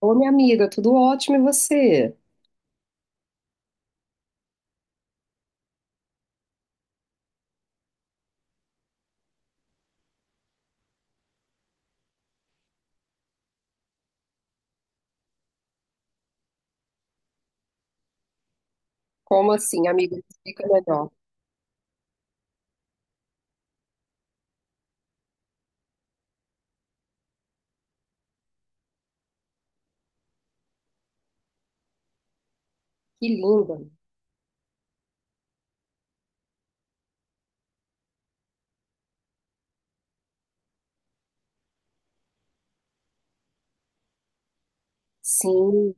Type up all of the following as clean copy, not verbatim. Ô, minha amiga, tudo ótimo e você? Como assim, amiga? Me explica melhor. Que linda. Sim.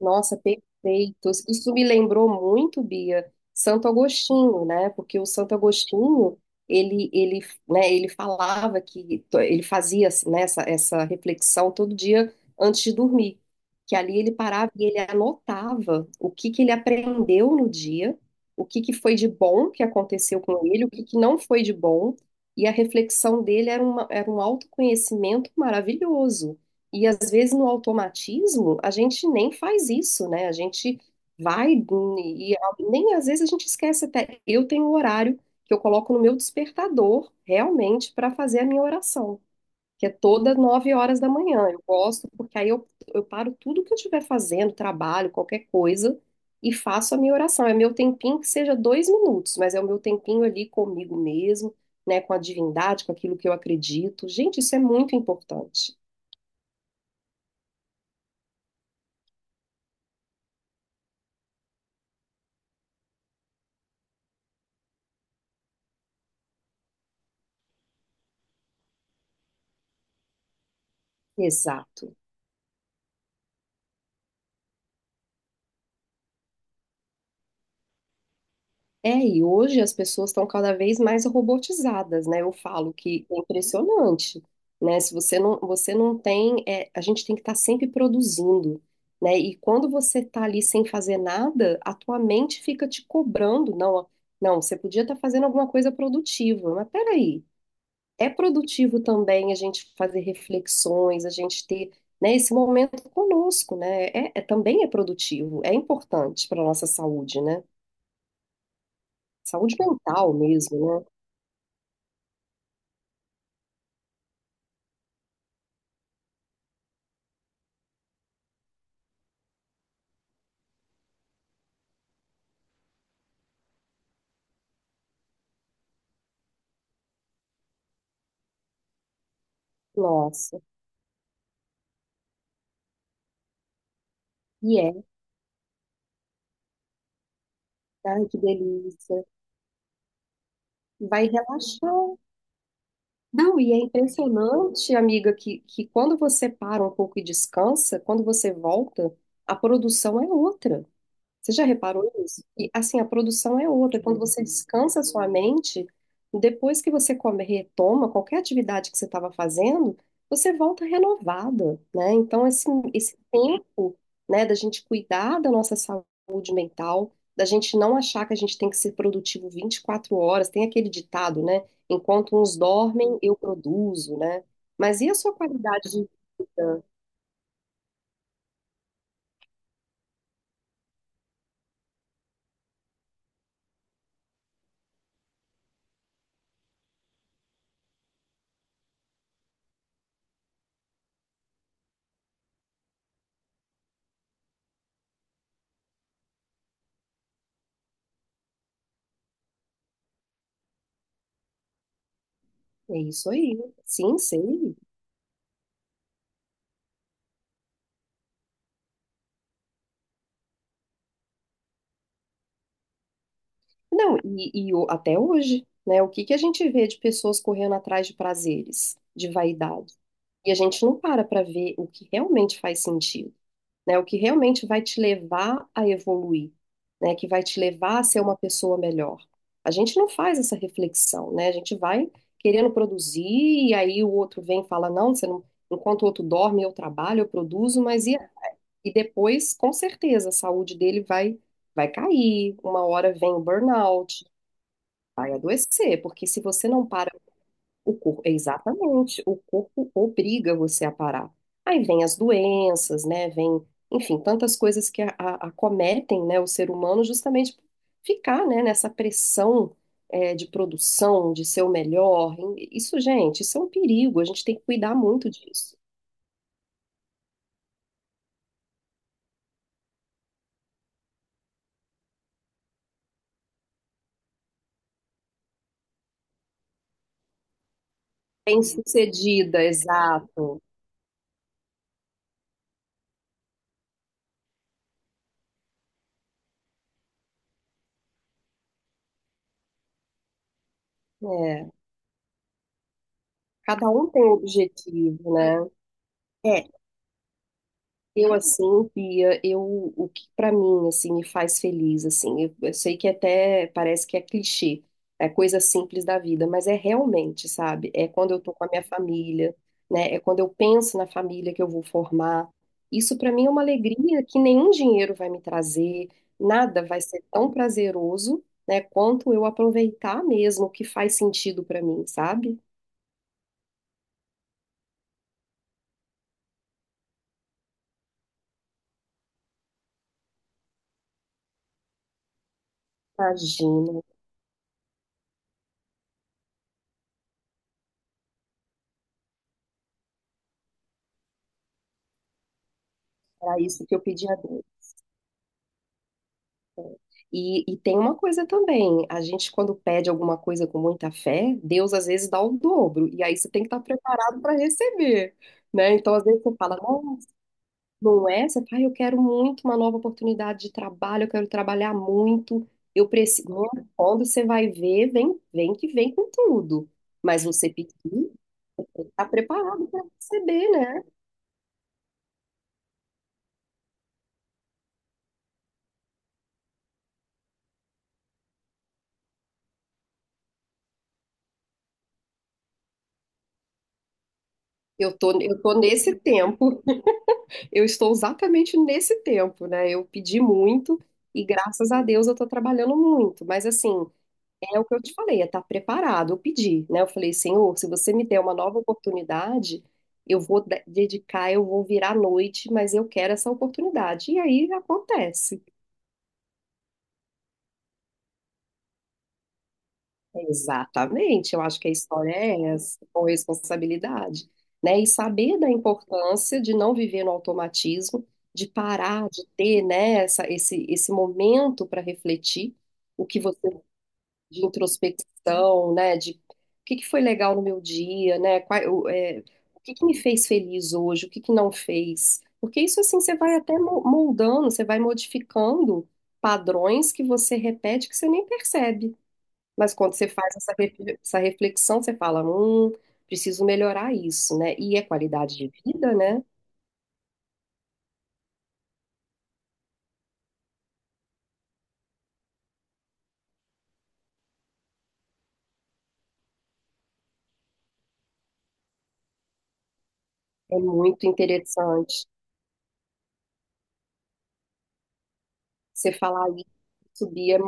Nossa, perfeitos. Isso me lembrou muito, Bia, Santo Agostinho, né? Porque o Santo Agostinho, ele, né, ele falava que ele fazia, né, essa reflexão todo dia antes de dormir, que ali ele parava e ele anotava o que que ele aprendeu no dia, o que que foi de bom que aconteceu com ele, o que que não foi de bom, e a reflexão dele era uma, era um autoconhecimento maravilhoso. E às vezes no automatismo a gente nem faz isso, né? A gente vai e nem às vezes a gente esquece até. Eu tenho um horário que eu coloco no meu despertador realmente para fazer a minha oração, que é todas nove horas da manhã. Eu gosto porque eu paro tudo que eu estiver fazendo, trabalho, qualquer coisa, e faço a minha oração. É meu tempinho que seja dois minutos, mas é o meu tempinho ali comigo mesmo, né? Com a divindade, com aquilo que eu acredito. Gente, isso é muito importante. Exato. É, e hoje as pessoas estão cada vez mais robotizadas, né? Eu falo que é impressionante, né? Se você não, você não tem, a gente tem que estar sempre produzindo, né? E quando você está ali sem fazer nada, a tua mente fica te cobrando, não, não, você podia estar fazendo alguma coisa produtiva, mas peraí, é produtivo também a gente fazer reflexões, a gente ter, né, esse momento conosco, né? Também é produtivo, é importante para nossa saúde, né? Saúde mental mesmo, né? Nossa, e é, ai que delícia. Vai relaxar. Não, e é impressionante, amiga, que quando você para um pouco e descansa, quando você volta, a produção é outra. Você já reparou isso? E assim, a produção é outra. Quando você descansa a sua mente, depois que você come, retoma qualquer atividade que você estava fazendo, você volta renovada, né? Então, esse tempo, né, da gente cuidar da nossa saúde mental, da gente não achar que a gente tem que ser produtivo 24 horas, tem aquele ditado, né? Enquanto uns dormem, eu produzo, né? Mas e a sua qualidade de vida? É isso aí. Sim, sei. Não, até hoje, né? O que que a gente vê de pessoas correndo atrás de prazeres, de vaidade? E a gente não para para ver o que realmente faz sentido, né? O que realmente vai te levar a evoluir, né? Que vai te levar a ser uma pessoa melhor. A gente não faz essa reflexão, né? A gente vai querendo produzir e aí o outro vem e fala, não, você não... Enquanto o outro dorme, eu trabalho, eu produzo, mas e depois, com certeza, a saúde dele vai cair, uma hora vem o burnout. Vai adoecer, porque se você não para o corpo, exatamente, o corpo obriga você a parar. Aí vem as doenças, né? Vem, enfim, tantas coisas que acometem, né, o ser humano justamente por ficar, né, nessa pressão de produção, de ser o melhor. Isso, gente, isso é um perigo. A gente tem que cuidar muito disso. Bem-sucedida, exato. É, cada um tem um objetivo, né? Eu assim, Pia, eu o que pra mim assim me faz feliz assim. Eu sei que até parece que é clichê, é coisa simples da vida, mas é realmente, sabe? É quando eu tô com a minha família, né? É quando eu penso na família que eu vou formar. Isso pra mim é uma alegria que nenhum dinheiro vai me trazer, nada vai ser tão prazeroso, né, quanto eu aproveitar mesmo o que faz sentido pra mim, sabe? Imagina, era isso que eu pedi a Deus. E tem uma coisa também, a gente quando pede alguma coisa com muita fé, Deus às vezes dá o dobro, e aí você tem que estar preparado para receber, né? Então às vezes você fala, não, não é, você fala, "Ai, eu quero muito uma nova oportunidade de trabalho, eu quero trabalhar muito, eu preciso. Não, é? Quando você vai ver, vem que vem com tudo, mas você pedir, tá preparado para receber, né? Eu tô nesse tempo. Eu estou exatamente nesse tempo, né? Eu pedi muito e graças a Deus eu estou trabalhando muito. Mas assim, é o que eu te falei, é estar preparado. Eu pedi, né? Eu falei, Senhor, se você me der uma nova oportunidade, eu vou dedicar, eu vou virar à noite, mas eu quero essa oportunidade. E aí acontece. Exatamente, eu acho que a história é essa, com responsabilidade, né? E saber da importância de não viver no automatismo, de parar, de ter, né, esse momento para refletir o que você, de introspecção, né, de o que que foi legal no meu dia, né, qual, o que que me fez feliz hoje, o que que não fez, porque isso assim você vai até moldando, você vai modificando padrões que você repete que você nem percebe. Mas quando você faz essa essa reflexão, você fala, preciso melhorar isso, né? E é qualidade de vida, né? É muito interessante você falar isso, subir, é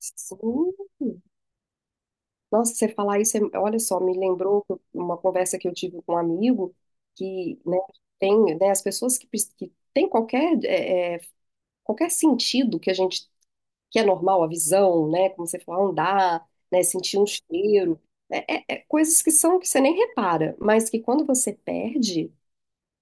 sim. Nossa, você falar isso, olha só, me lembrou que uma conversa que eu tive com um amigo que, né, tem, né, as pessoas que, que têm qualquer, qualquer sentido que a gente que é normal, a visão, né? Como você falou, andar, né? Sentir um cheiro. Né, é, é coisas que são que você nem repara, mas que quando você perde,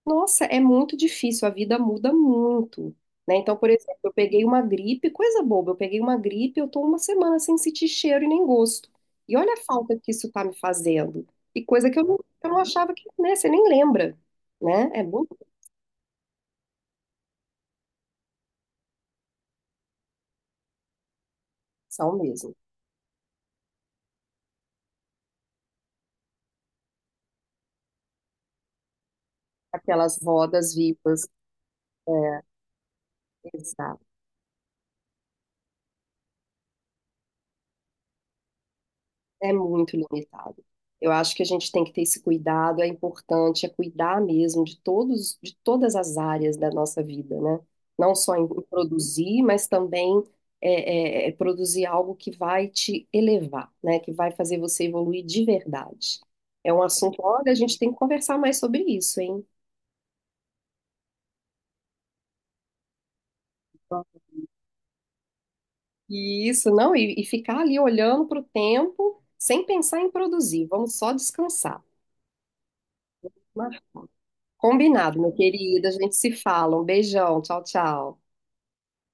nossa, é muito difícil, a vida muda muito. Né? Então, por exemplo, eu peguei uma gripe, coisa boba, eu peguei uma gripe, eu tô uma semana sem sentir cheiro e nem gosto. E olha a falta que isso tá me fazendo. E coisa que eu não achava que, né, você nem lembra, né? É muito são mesmo. Aquelas rodas vivas. É, exato. É muito limitado. Eu acho que a gente tem que ter esse cuidado, é importante, é cuidar mesmo de todos, de todas as áreas da nossa vida, né? Não só em produzir, mas também é produzir algo que vai te elevar, né? Que vai fazer você evoluir de verdade. É um assunto, olha, a gente tem que conversar mais sobre isso, hein? E isso, não, e ficar ali olhando para o tempo sem pensar em produzir, vamos só descansar. Combinado, meu querido. A gente se fala. Um beijão. Tchau, tchau.